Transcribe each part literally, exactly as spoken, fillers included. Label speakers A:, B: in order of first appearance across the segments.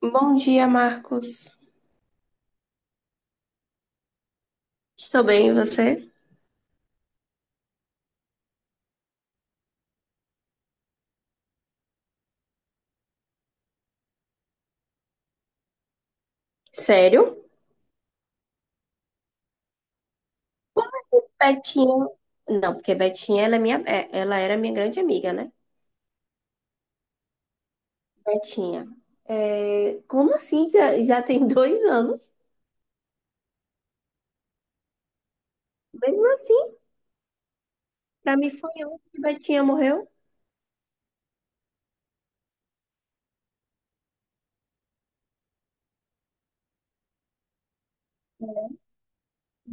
A: Bom dia, Marcos. Estou bem, e você? Sério? Como é que Betinha. Não, porque Betinha ela é minha, é, ela era minha grande amiga, né? Betinha. É, como assim? Já, já tem dois anos? Mesmo assim, pra mim foi ontem que Betinha morreu.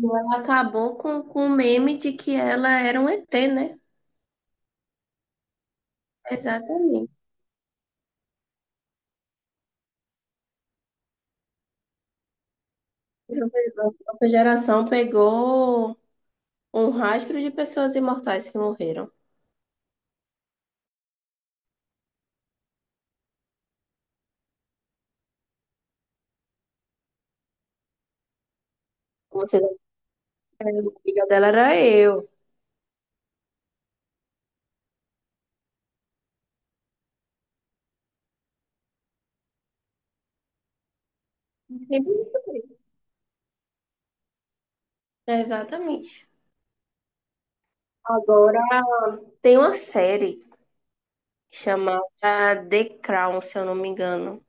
A: Ela acabou com, com o meme de que ela era um E T, né? Exatamente. Essa foi- Nossa geração pegou um rastro de pessoas imortais que morreram. Você, a amiga dela era eu. Exatamente. Agora, tem uma série chamada The Crown, se eu não me engano.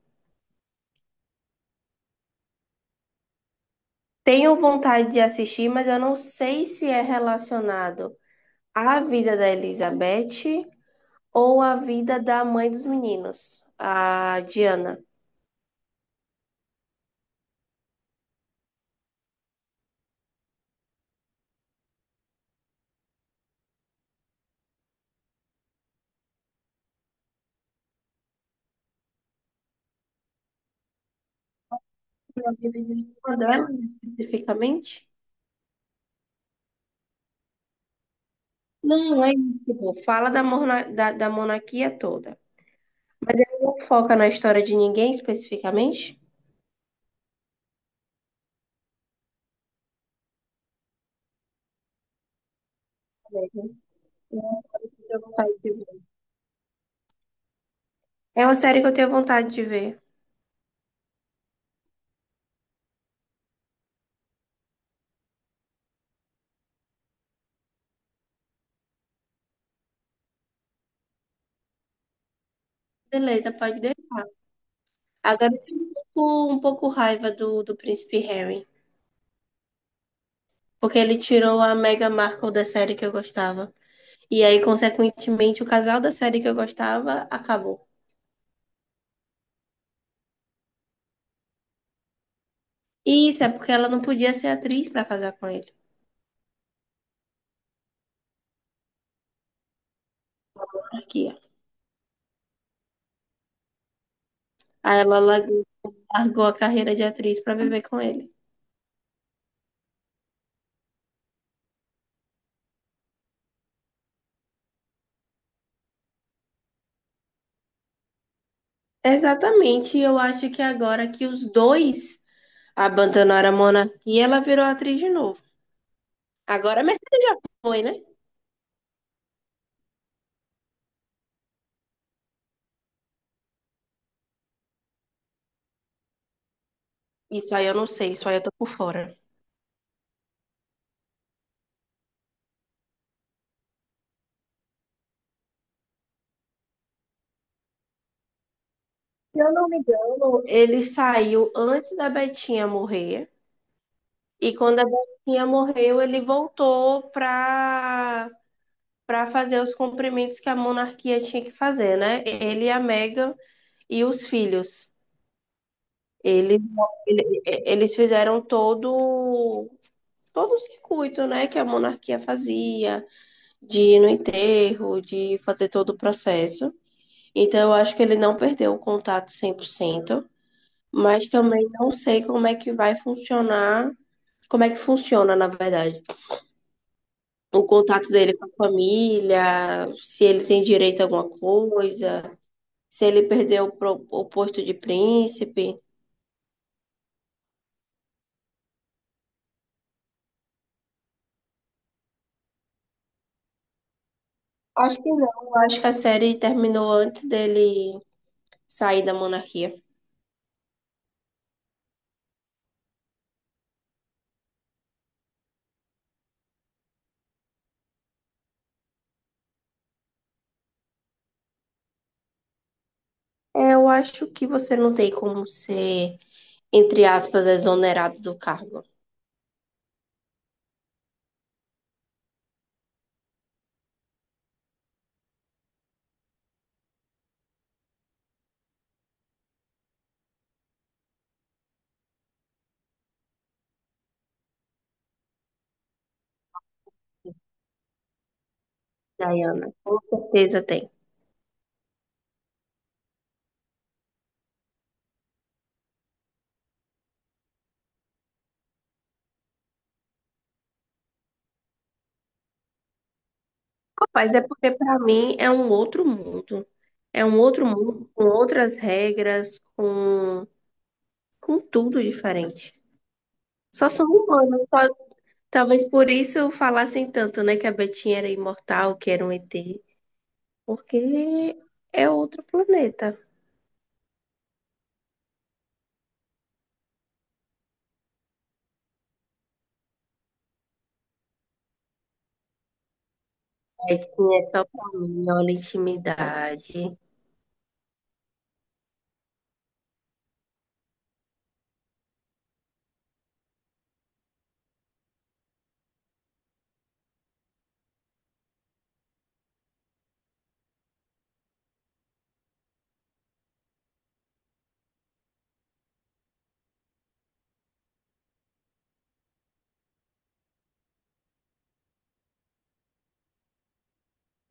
A: Tenho vontade de assistir, mas eu não sei se é relacionado à vida da Elizabeth ou à vida da mãe dos meninos, a Diana. A vida de uma delas, especificamente? Não, é isso, pô. Fala da, morna- da, da monarquia toda. Mas ele não foca na história de ninguém especificamente? Né? É uma série que eu tenho vontade de ver. Beleza, pode deixar. Agora eu tenho um pouco, um pouco raiva do, do príncipe Harry. Porque ele tirou a Meghan Markle da série que eu gostava. E aí, consequentemente, o casal da série que eu gostava acabou. E isso é porque ela não podia ser atriz pra casar com ele. Aqui, ó. Aí ela largou largou a carreira de atriz pra viver com ele. Exatamente. E eu acho que agora que os dois abandonaram a monarquia, ela virou atriz de novo. Agora é Mercedes, Moe, né? Isso aí eu não sei, isso aí eu tô por fora. Se eu não me engano, ele saiu antes da Betinha morrer, e quando a Betinha morreu, ele voltou pra, pra fazer os cumprimentos que a monarquia tinha que fazer, né? Ele, a Meghan e os filhos. Eles, ele- eles fizeram todo, todo o circuito, né, que a monarquia fazia, de ir no enterro, de fazer todo o processo. Então, eu acho que ele não perdeu o contato cem por cento. Mas também não sei como é que vai funcionar, como é que funciona, na verdade, o contato dele com a família, se ele tem direito a alguma coisa, se ele perdeu o, pro- o posto de príncipe. Acho que não, acho que a série terminou antes dele sair da monarquia. É, eu acho que você não tem como ser, entre aspas, exonerado do cargo. Diana. Com certeza tem. Mas é porque para mim é um outro mundo. É um outro mundo com outras regras, com, com tudo diferente. Só são humanos. só- Talvez por isso falassem tanto, né, que a Betinha era imortal, que era um E T, porque é outro planeta. Betinha é só pra mim, olha a intimidade.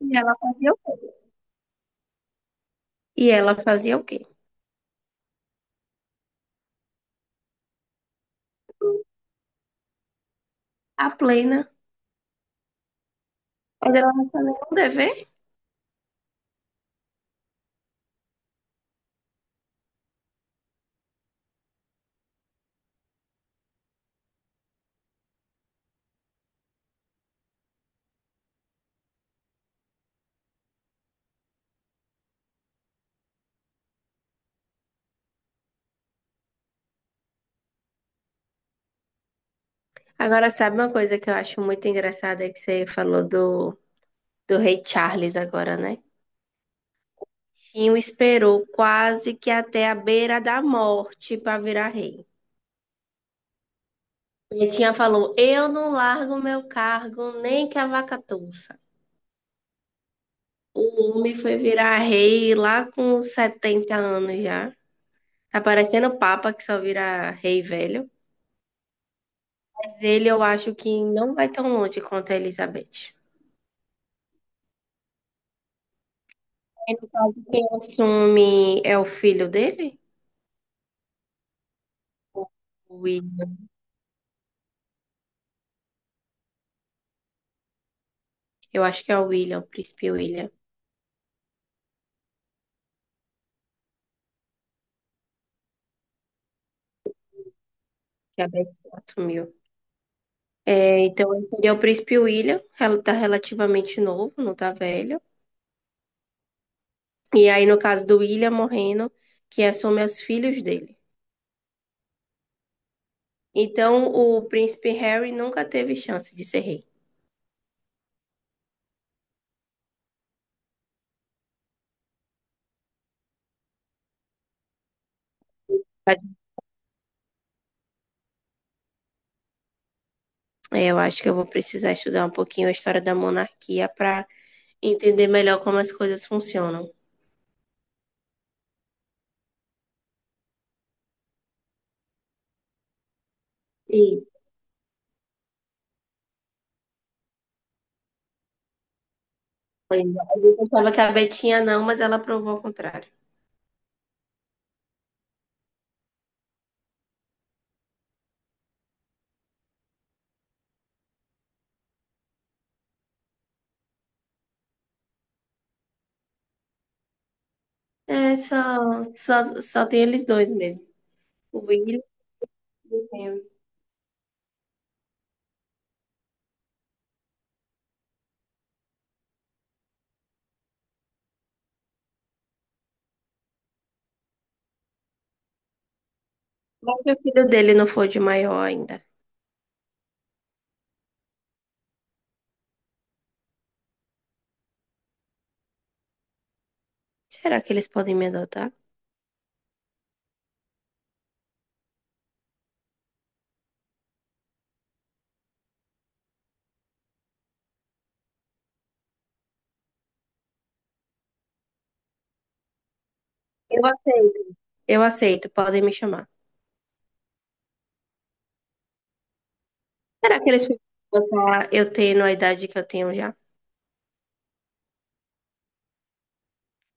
A: E ela fazia o quê? E ela fazia o quê? A plena. Mas ela não tinha nenhum dever. Agora, sabe uma coisa que eu acho muito engraçada é que você falou do do Rei Charles agora, né? Rinho esperou quase que até a beira da morte para virar rei. Betinha falou: Eu não largo meu cargo nem que a vaca touça. O homem foi virar rei lá com setenta anos já. Tá parecendo o Papa que só vira rei velho. Mas ele eu acho que não vai tão longe quanto a Elizabeth. Quem assume é o filho dele? O Will. Eu acho que é o William, o príncipe William, que a Betinha assumiu. É, então, esse seria o príncipe William, ela tá relativamente novo, não tá velho. E aí, no caso do William morrendo, quem assume é os filhos dele. Então, o príncipe Harry nunca teve chance de ser rei. É, eu acho que eu vou precisar estudar um pouquinho a história da monarquia para entender melhor como as coisas funcionam. E pois é, a gente achava que a Betinha não, mas ela provou ao contrário. É, só, só, só tem eles dois mesmo. O William e o Harry. Mas se o filho dele não for de maior ainda. Será que eles podem me adotar? Eu aceito. Eu aceito, podem me chamar. Será que eles podem me adotar eu tendo a idade que eu tenho já?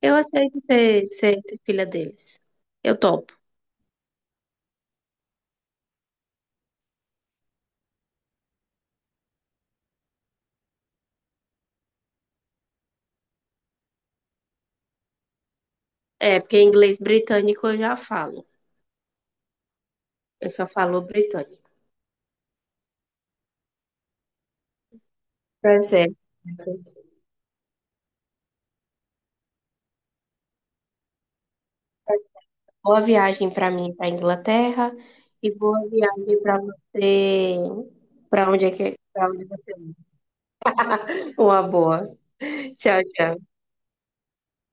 A: Eu aceito ser, ser filha deles. Eu topo. É, porque inglês britânico eu já falo. Eu só falo britânico. Percebe? Boa viagem para mim para Inglaterra e boa viagem para você para onde é que para onde você vai. Uma boa. Tchau, tchau.